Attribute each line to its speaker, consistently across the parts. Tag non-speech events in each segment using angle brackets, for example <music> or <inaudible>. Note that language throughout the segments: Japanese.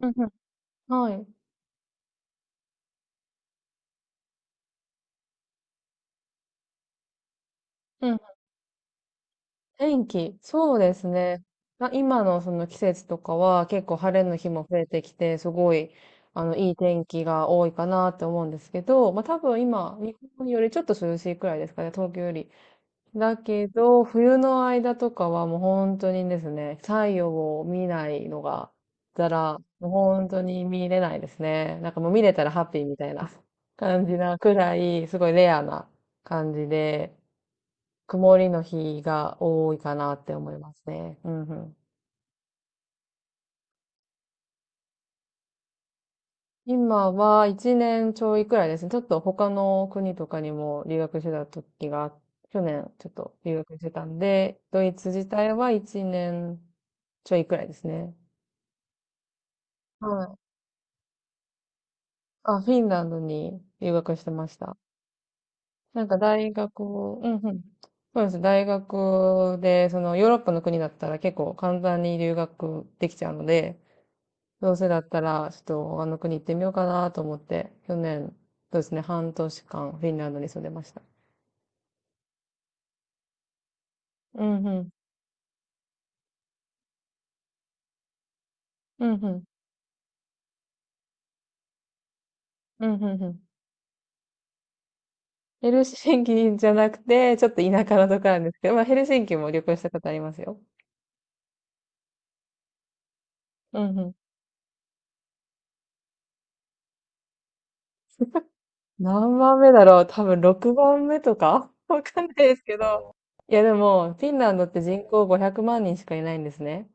Speaker 1: うんうん。はい。うん。天気。そうですね。あ、今のその季節とかは結構晴れの日も増えてきて、すごい、いい天気が多いかなって思うんですけど、まあ多分今、日本よりちょっと涼しいくらいですかね、東京より。だけど、冬の間とかはもう本当にですね、太陽を見ないのが、もう本当に見れないですね。なんかもう見れたらハッピーみたいな感じなくらい、すごいレアな感じで、曇りの日が多いかなって思いますね。うんうん。今は1年ちょいくらいですね。ちょっと他の国とかにも留学してた時が、去年ちょっと留学してたんで、ドイツ自体は1年ちょいくらいですね。はい。あ、フィンランドに留学してました。なんか大学を、うんうん。そうです。大学で、そのヨーロッパの国だったら結構簡単に留学できちゃうので、どうせだったら、ちょっとあの国行ってみようかなと思って、去年、そうですね、半年間フィンランドに住んでました。うんうん。うんうん。うんうんうん。ヘルシンキじゃなくて、ちょっと田舎のとこなんですけど、まあヘルシンキも旅行したことありますよ。うんうん。何番目だろう、多分6番目とか <laughs> わかんないですけど。いやでも、フィンランドって人口500万人しかいないんですね。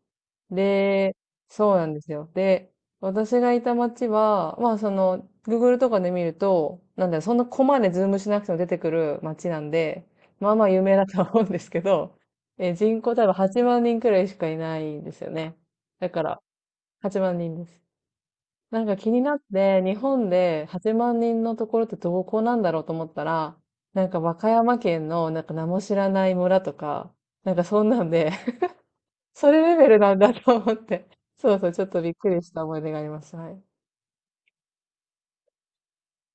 Speaker 1: で、そうなんですよ。で、私がいた街は、まあその、Google とかで見ると、なんだよ、そんなコマでズームしなくても出てくる街なんで、まあまあ有名だとは思うんですけど、人口多分8万人くらいしかいないんですよね。だから、8万人です。なんか気になって、日本で8万人のところってどこなんだろうと思ったら、なんか和歌山県のなんか名も知らない村とか、なんかそんなんでそれレベルなんだと思って。<laughs> そうそう、ちょっとびっくりした思い出があります。はい。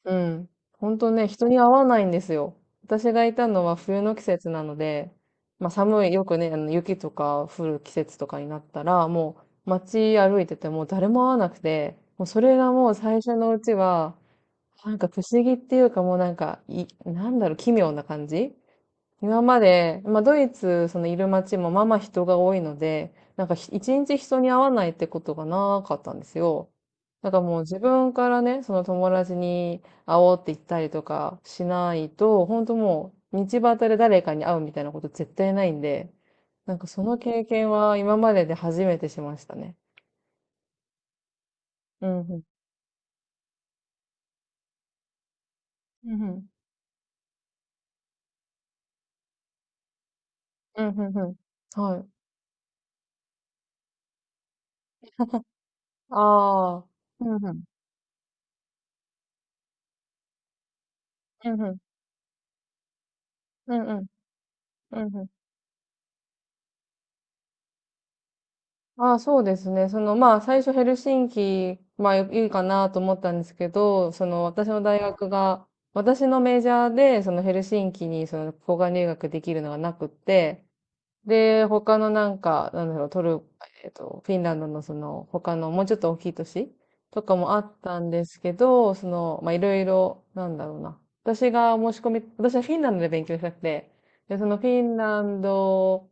Speaker 1: うん。本当ね、人に会わないんですよ。私がいたのは冬の季節なので、まあ寒い、よくね、あの雪とか降る季節とかになったら、もう街歩いてても誰も会わなくて、もうそれがもう最初のうちは、なんか不思議っていうかもうなんか、奇妙な感じ。今まで、まあ、ドイツ、そのいる街もまあまあ人が多いので、なんか一日人に会わないってことがなかったんですよ。だからもう自分からね、その友達に会おうって言ったりとかしないと、本当もう道端で誰かに会うみたいなこと絶対ないんで、なんかその経験は今までで初めてしましたね。うん、うん、うん、うん、うん、うん。うん、はい。ああ。うん、うん、うん、うん、うん、うん、うん。うん。ああ、そうですね。その、まあ、最初ヘルシンキ、まあ、いいかなと思ったんですけど、その、私の大学が、私のメジャーで、そのヘルシンキに、その、交換留学できるのがなくって、で、他のなんか、フィンランドのその、他の、もうちょっと大きい都市とかもあったんですけど、その、まあ、いろいろ、なんだろうな。私が申し込み、私はフィンランドで勉強したくて、で、そのフィンランド、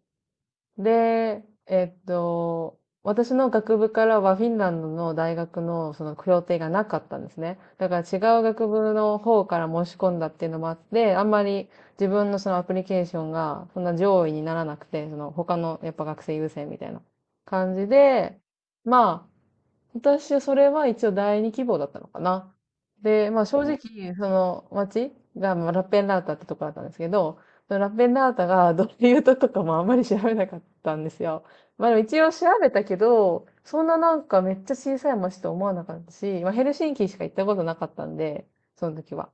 Speaker 1: で、私の学部からはフィンランドの大学のその協定がなかったんですね。だから違う学部の方から申し込んだっていうのもあって、あんまり自分のそのアプリケーションがそんな上位にならなくて、その他のやっぱ学生優先みたいな感じで、まあ、私はそれは一応第二希望だったのかな。で、まあ正お直、その町がまあラッペンラータってとこだったんですけど、そのラッペンラータが <laughs> どういうとことかもあんまり調べなかったんですよ。まあでも一応調べたけど、そんななんかめっちゃ小さい町と思わなかったし、まあヘルシンキしか行ったことなかったんで、その時は。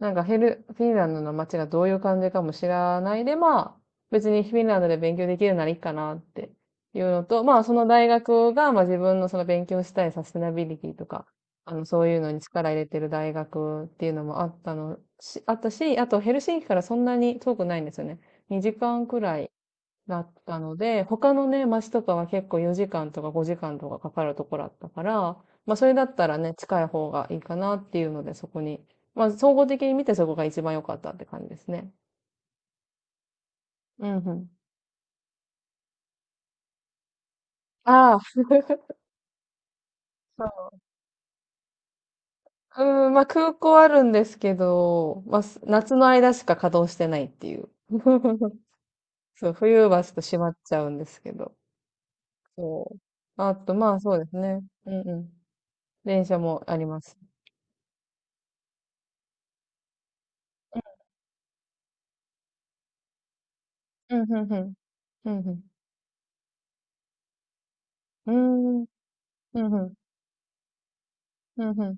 Speaker 1: なんかフィンランドの街がどういう感じかも知らないで、まあ、別にフィンランドで勉強できるならいいかなっていうのと、まあ、その大学が、まあ自分のその勉強したいサステナビリティとか、そういうのに力入れてる大学っていうのもあったのし、あったし、あとヘルシンキからそんなに遠くないんですよね。2時間くらいだったので、他のね、街とかは結構4時間とか5時間とかかかるところだったから、まあそれだったらね、近い方がいいかなっていうので、そこに、まあ総合的に見てそこが一番良かったって感じですね。うんうん。ああ、<laughs> そう。うん、まあ空港あるんですけど、まあ夏の間しか稼働してないっていう。<laughs> そう、冬はちょっと閉まっちゃうんですけど。そう。あと、まあそうですね。うんうん。電車もあります。うんうんうん。うんうん。うーん。ふんふん、ふんふん、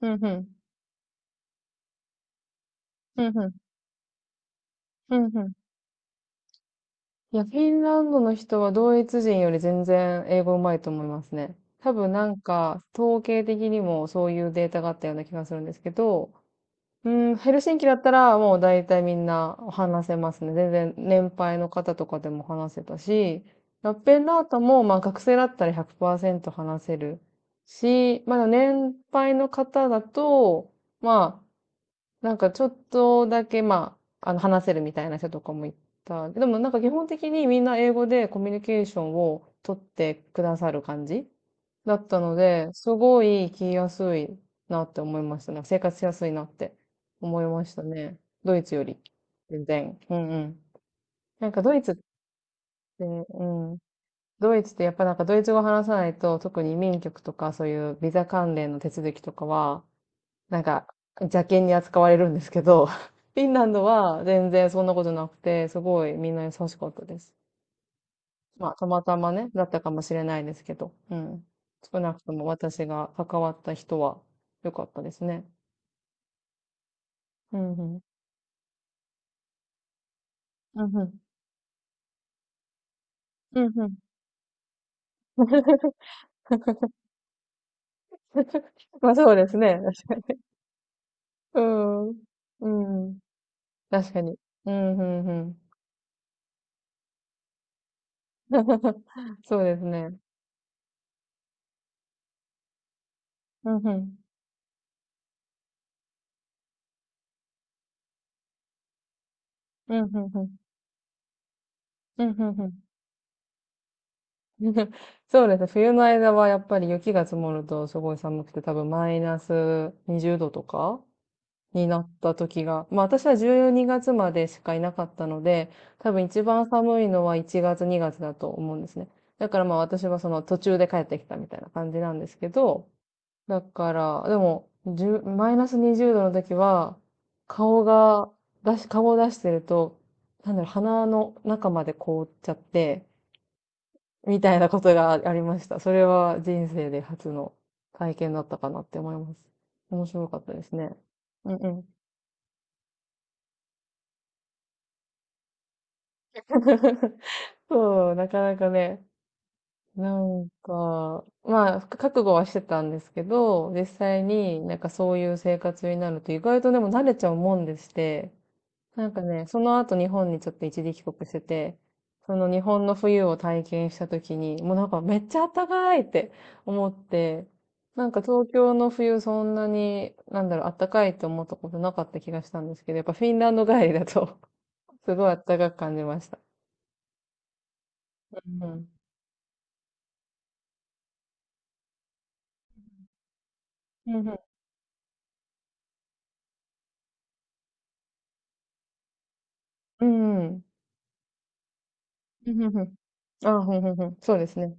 Speaker 1: ふんふん、ふんふん、ふんふん。いや、フィンランドの人はドイツ人より全然英語うまいと思いますね。多分なんか、統計的にもそういうデータがあったような気がするんですけど、うん、ヘルシンキだったらもう大体みんな話せますね。全然年配の方とかでも話せたし、ラッペンラータもまあ学生だったら100%話せるし、まだ年配の方だと、まあ、なんかちょっとだけ、まあ、話せるみたいな人とかもいた。でもなんか基本的にみんな英語でコミュニケーションを取ってくださる感じだったので、すごい聞きやすいなって思いましたね。なんか生活しやすいなって思いましたね。ドイツより。全然。うんうん。なんかドイツって、うん。ドイツってやっぱなんかドイツ語話さないと、特に移民局とかそういうビザ関連の手続きとかは、なんか、邪険に扱われるんですけど、<laughs> フィンランドは全然そんなことなくて、すごいみんな優しかったです。まあ、たまたまね、だったかもしれないですけど、うん。少なくとも私が関わった人は良かったですね。うんうん。うんうん。うんうん。<laughs> まあそうですね。うん。うん。確かに。うん、うん、うん。<laughs> そうですね。うん、うん。うん、うん、うん。うん、うん、うん。<laughs> そうですね。冬の間はやっぱり雪が積もるとすごい寒くて、多分マイナス20度とかになった時が、まあ私は12月までしかいなかったので、多分一番寒いのは1月、2月だと思うんですね。だからまあ私はその途中で帰ってきたみたいな感じなんですけど、だから、でも、じゅうマイナス20度の時は、顔が、顔を出してると、鼻の中まで凍っちゃって、みたいなことがありました。それは人生で初の体験だったかなって思います。面白かったですね。うんうん。<laughs> そう、なかなかね、なんか、まあ、覚悟はしてたんですけど、実際になんかそういう生活になると意外とでも慣れちゃうもんでして、なんかね、その後日本にちょっと一時帰国してて、その日本の冬を体験した時に、もうなんかめっちゃ暖かいって思って、なんか東京の冬そんなに、暖かいって思ったことなかった気がしたんですけど、やっぱフィンランド帰りだと <laughs> すごい暖かく感じました。うんうん。うんうん。うんうん。うんうんうん。あ、ふんふんふん。そうですね。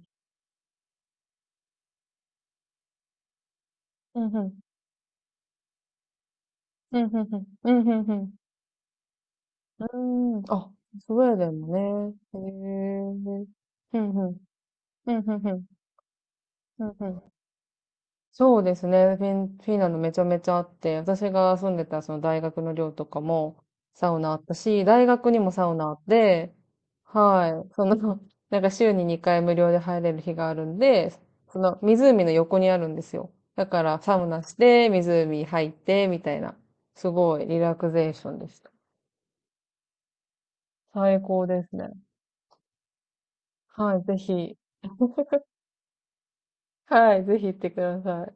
Speaker 1: うんうん。うんうんうん。うんうんうん。うーん。あ、スウェーデンもね。へえ。うんうんうんうんうん。うんうん。そうですね。フィンランドめちゃめちゃあって、私が住んでたその大学の寮とかもサウナあったし、大学にもサウナあって、はい。その、<laughs> なんか週に2回無料で入れる日があるんで、その湖の横にあるんですよ。だからサウナして、湖入って、みたいな。すごいリラクゼーションでした。最高ですね。はい、ぜひ。<laughs> はい、ぜひ行ってください。